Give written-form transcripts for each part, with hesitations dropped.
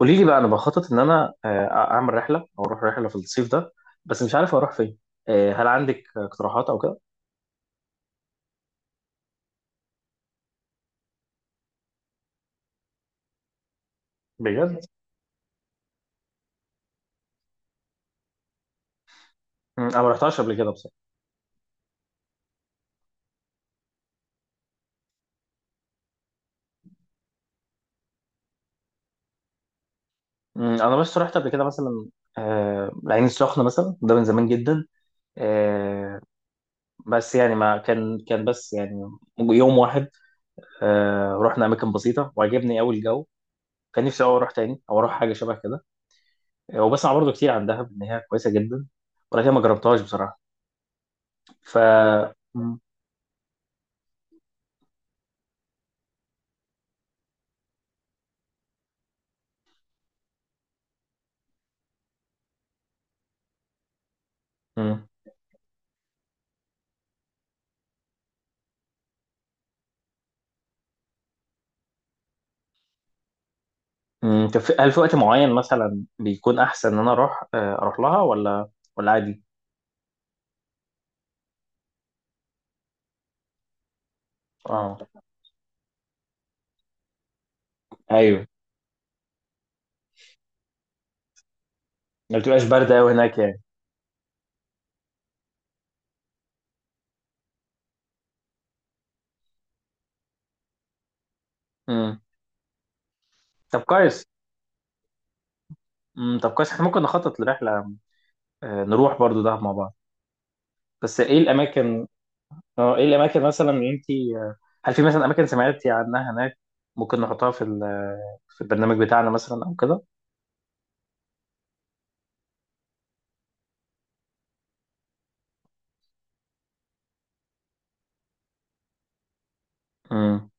قولي لي بقى. انا بخطط ان انا اعمل رحله او اروح رحله في الصيف ده. بس مش عارف اروح فين. هل عندك اقتراحات او كده؟ بجد؟ مم، انا ما رحتهاش قبل كده بصراحه. مم، انا بس رحت قبل كده مثلا العين السخنه مثلا، ده من زمان جدا. آه، بس يعني ما كان بس يعني يوم واحد. رحنا اماكن بسيطه وعجبني قوي الجو. كان نفسي أوي اروح تاني او اروح حاجه شبه كده. وبسمع برضو كتير عن دهب ان هي كويسه جدا، ولكن ما جربتهاش بصراحه. ف مم. مم. مم، طب هل في وقت معين مثلا بيكون احسن ان انا اروح، اروح لها ولا ولا عادي؟ اه. ايوه. ما بتبقاش بارده قوي هناك يعني؟ امم. طب كويس. امم، طب كويس، احنا ممكن نخطط لرحله، نروح برضو ده مع بعض. بس ايه الاماكن؟ اه، ايه الاماكن مثلا اللي انت، هل في مثلا اماكن سمعتي عنها هناك ممكن نحطها في البرنامج بتاعنا مثلا او كده؟ امم.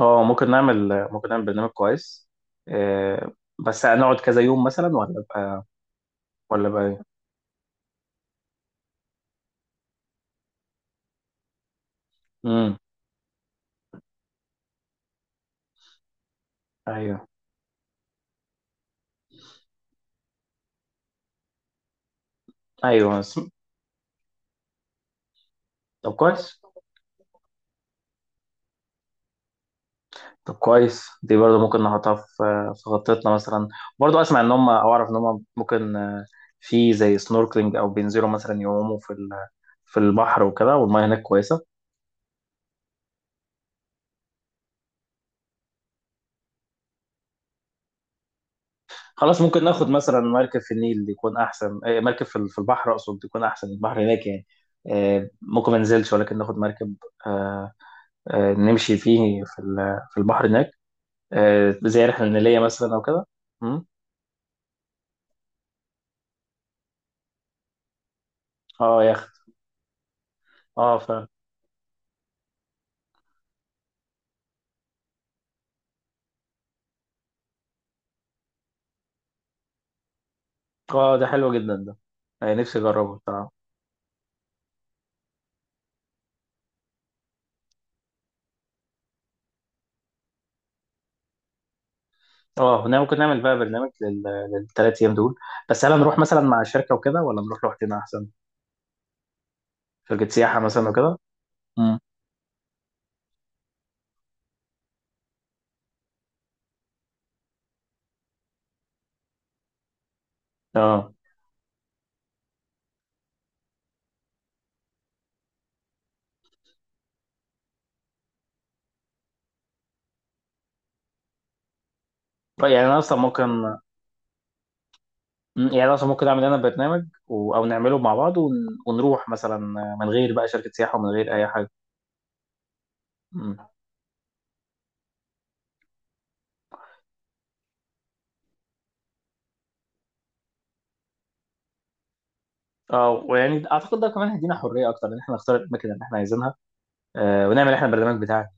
اه ممكن نعمل، ممكن نعمل برنامج كويس. آه، بس هنقعد كذا يوم مثلا ولا بقى ولا بقى؟ امم. ايوه. ايوه طب كويس. طب كويس، دي برضه ممكن نحطها في في خطتنا مثلا. برضه اسمع ان هم او اعرف ان هم ممكن، في زي سنوركلينج، او بينزلوا مثلا يعوموا في البحر وكده، والميه هناك كويسه. خلاص، ممكن ناخد مثلا مركب في النيل يكون احسن، مركب في البحر اقصد يكون احسن، البحر هناك يعني. ممكن ما ننزلش ولكن ناخد مركب، آه، نمشي فيه في البحر هناك، زي رحله نيليه مثلا او كده. مم. اه يخت. اه فعلا. اه ده حلو جدا ده، يعني نفسي اجربه بصراحه. اه هنا ممكن نعمل بقى برنامج للثلاث ايام دول. بس هل هنروح مثلا مع شركه وكده ولا نروح لوحدنا احسن؟ شركه سياحه مثلا وكده. امم. اه. طيب يعني انا اصلا ممكن، مم. يعني أنا اصلا ممكن اعمل انا برنامج او نعمله مع بعض ونروح مثلا من غير بقى شركه سياحه ومن غير اي حاجه. امم. اه ويعني اعتقد ده كمان هيدينا حريه اكتر ان احنا نختار الاماكن اللي احنا عايزينها، آه، ونعمل احنا البرنامج بتاعنا.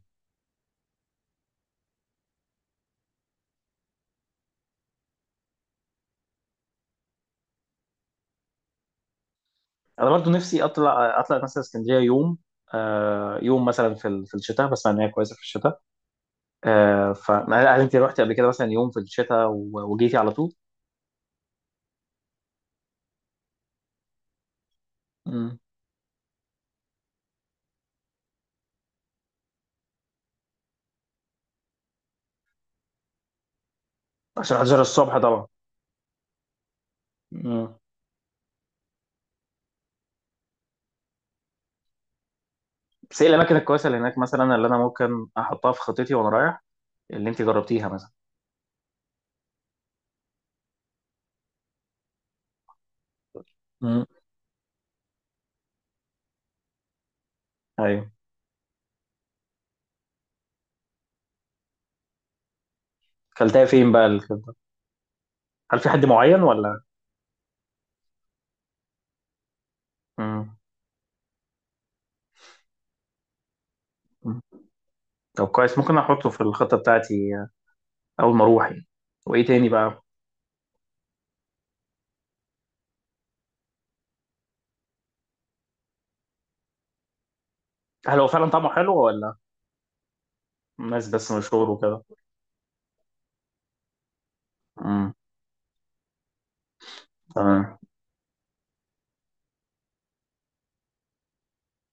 انا برضو نفسي اطلع، اطلع مثلا اسكندريه يوم، آه، يوم مثلا في الشتاء، بسمع ان هي كويسه في الشتاء. آه ف هل انت روحتي قبل كده مثلا يوم في الشتاء وجيتي على طول؟ مم. عشان احضر الصبح طبعا. مم. بس ايه الاماكن الكويسه اللي هناك مثلا، اللي انا ممكن احطها في خطتي وانا رايح، اللي انت جربتيها مثلا؟ مم. ايوه. كلتها فين بقى الكبده؟ هل في حد معين ولا؟ مم. مم. طب كويس، ممكن احطه في الخطه بتاعتي، اول ما اروح يعني. وايه تاني بقى؟ هل هو فعلا طعمه حلو ولا؟ الناس بس مشهور وكده؟ امم. تمام.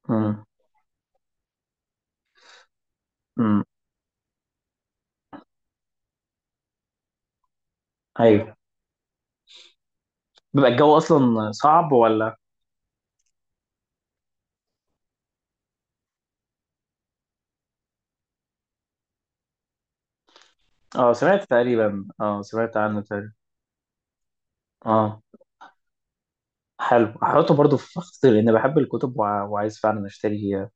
امم. امم. ايوه. بيبقى الجو اصلا صعب ولا؟ اه سمعت تقريبا اه سمعت عنه تقريبا. اه حلو، هحطه برضو في خطي لان بحب الكتب وعايز فعلا اشتري،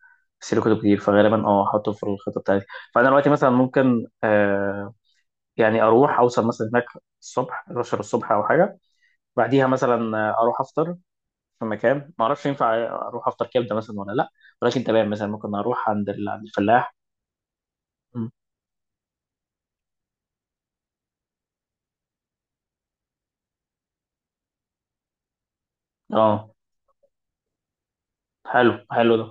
اشتري كتب كتير، فغالبا اه هحطه في الخطه بتاعتي. فانا دلوقتي مثلا ممكن آه، يعني اروح اوصل مثلا هناك الصبح 11 الصبح او حاجه، بعديها مثلا اروح افطر في مكان، ما اعرفش ينفع اروح افطر كبده مثلا ولا لا، ولكن تمام مثلا ممكن اروح عند الفلاح. مم. اه. حلو، حلو ده.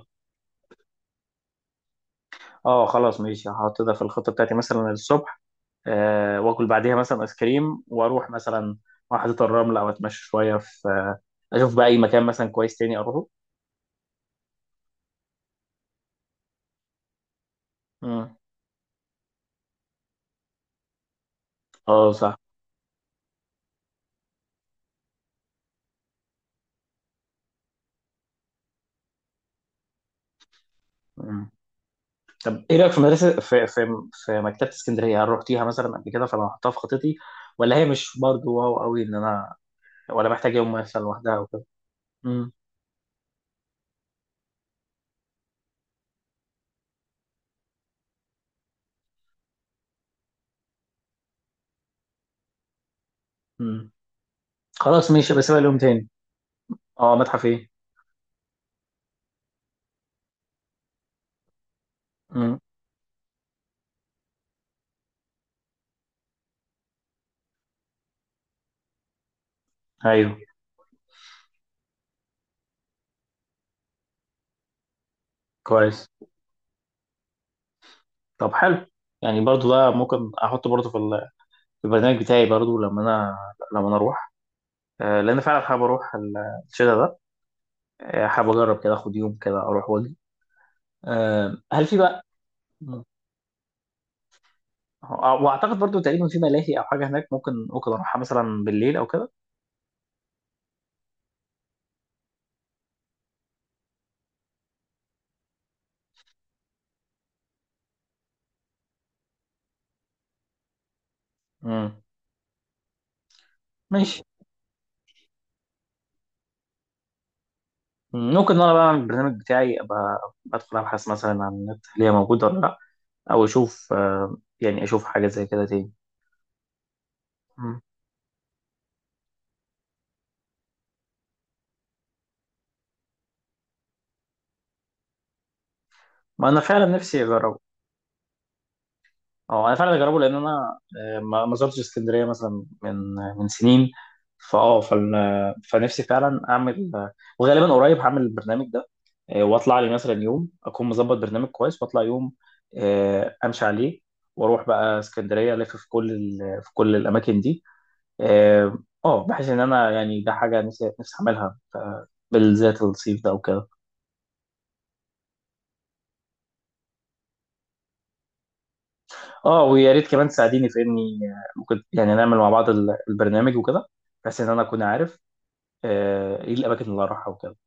اه خلاص ماشي، هحط ده في الخطة بتاعتي مثلا الصبح، آه، واكل بعديها مثلا ايس كريم، واروح مثلا واحدة الرمل، او اتمشى شوية في آه، اشوف بقى اي مكان مثلا كويس تاني اروحه. مم. اه صح. مم. طب ايه رأيك في مدرسة في في في مكتبة اسكندرية؟ هل رحتيها مثلا قبل كده؟ فانا هحطها في خطتي، ولا هي مش برضو واو قوي ان انا، ولا محتاج يوم مثلا لوحدها او كده؟ مم. مم. خلاص ماشي، بس بقى اليوم تاني. اه متحف ايه؟ مم. ايوه. كويس. طب حلو، يعني برضو ده ممكن احطه برضو في البرنامج بتاعي برضو لما انا، لما انا اروح، لان فعلا حابب اروح الشتا ده، حابب اجرب كده اخد يوم كده اروح واجي. هل في بقى؟ واعتقد برضو تقريبا في ملاهي او حاجه هناك ممكن، ممكن اروحها مثلا بالليل او كده. مم. ماشي. مم، ممكن إن انا بقى اعمل البرنامج بتاعي، ابقى ادخل ابحث مثلا عن النت هل هي موجوده ولا لا، او اشوف، يعني اشوف حاجه زي كده تاني. مم. ما انا فعلا نفسي اجرب. اه انا فعلا اجربه لان انا، ما زرتش اسكندريه مثلا من، من سنين، فاه فال- آه، فنفسي فعلا اعمل، وغالبا قريب هعمل البرنامج ده، واطلع لي مثلا يوم اكون مظبط برنامج كويس واطلع يوم، امشي عليه، واروح بقى اسكندريه الف في كل الاماكن دي. اه. بحيث ان انا يعني ده حاجه نفسي، نفسي اعملها، بالذات الصيف ده وكده. اه ويا ريت كمان تساعديني في اني، ممكن يعني نعمل مع بعض البرنامج وكده، بحيث ان انا اكون عارف، ايه الاماكن اللي راحها وكده.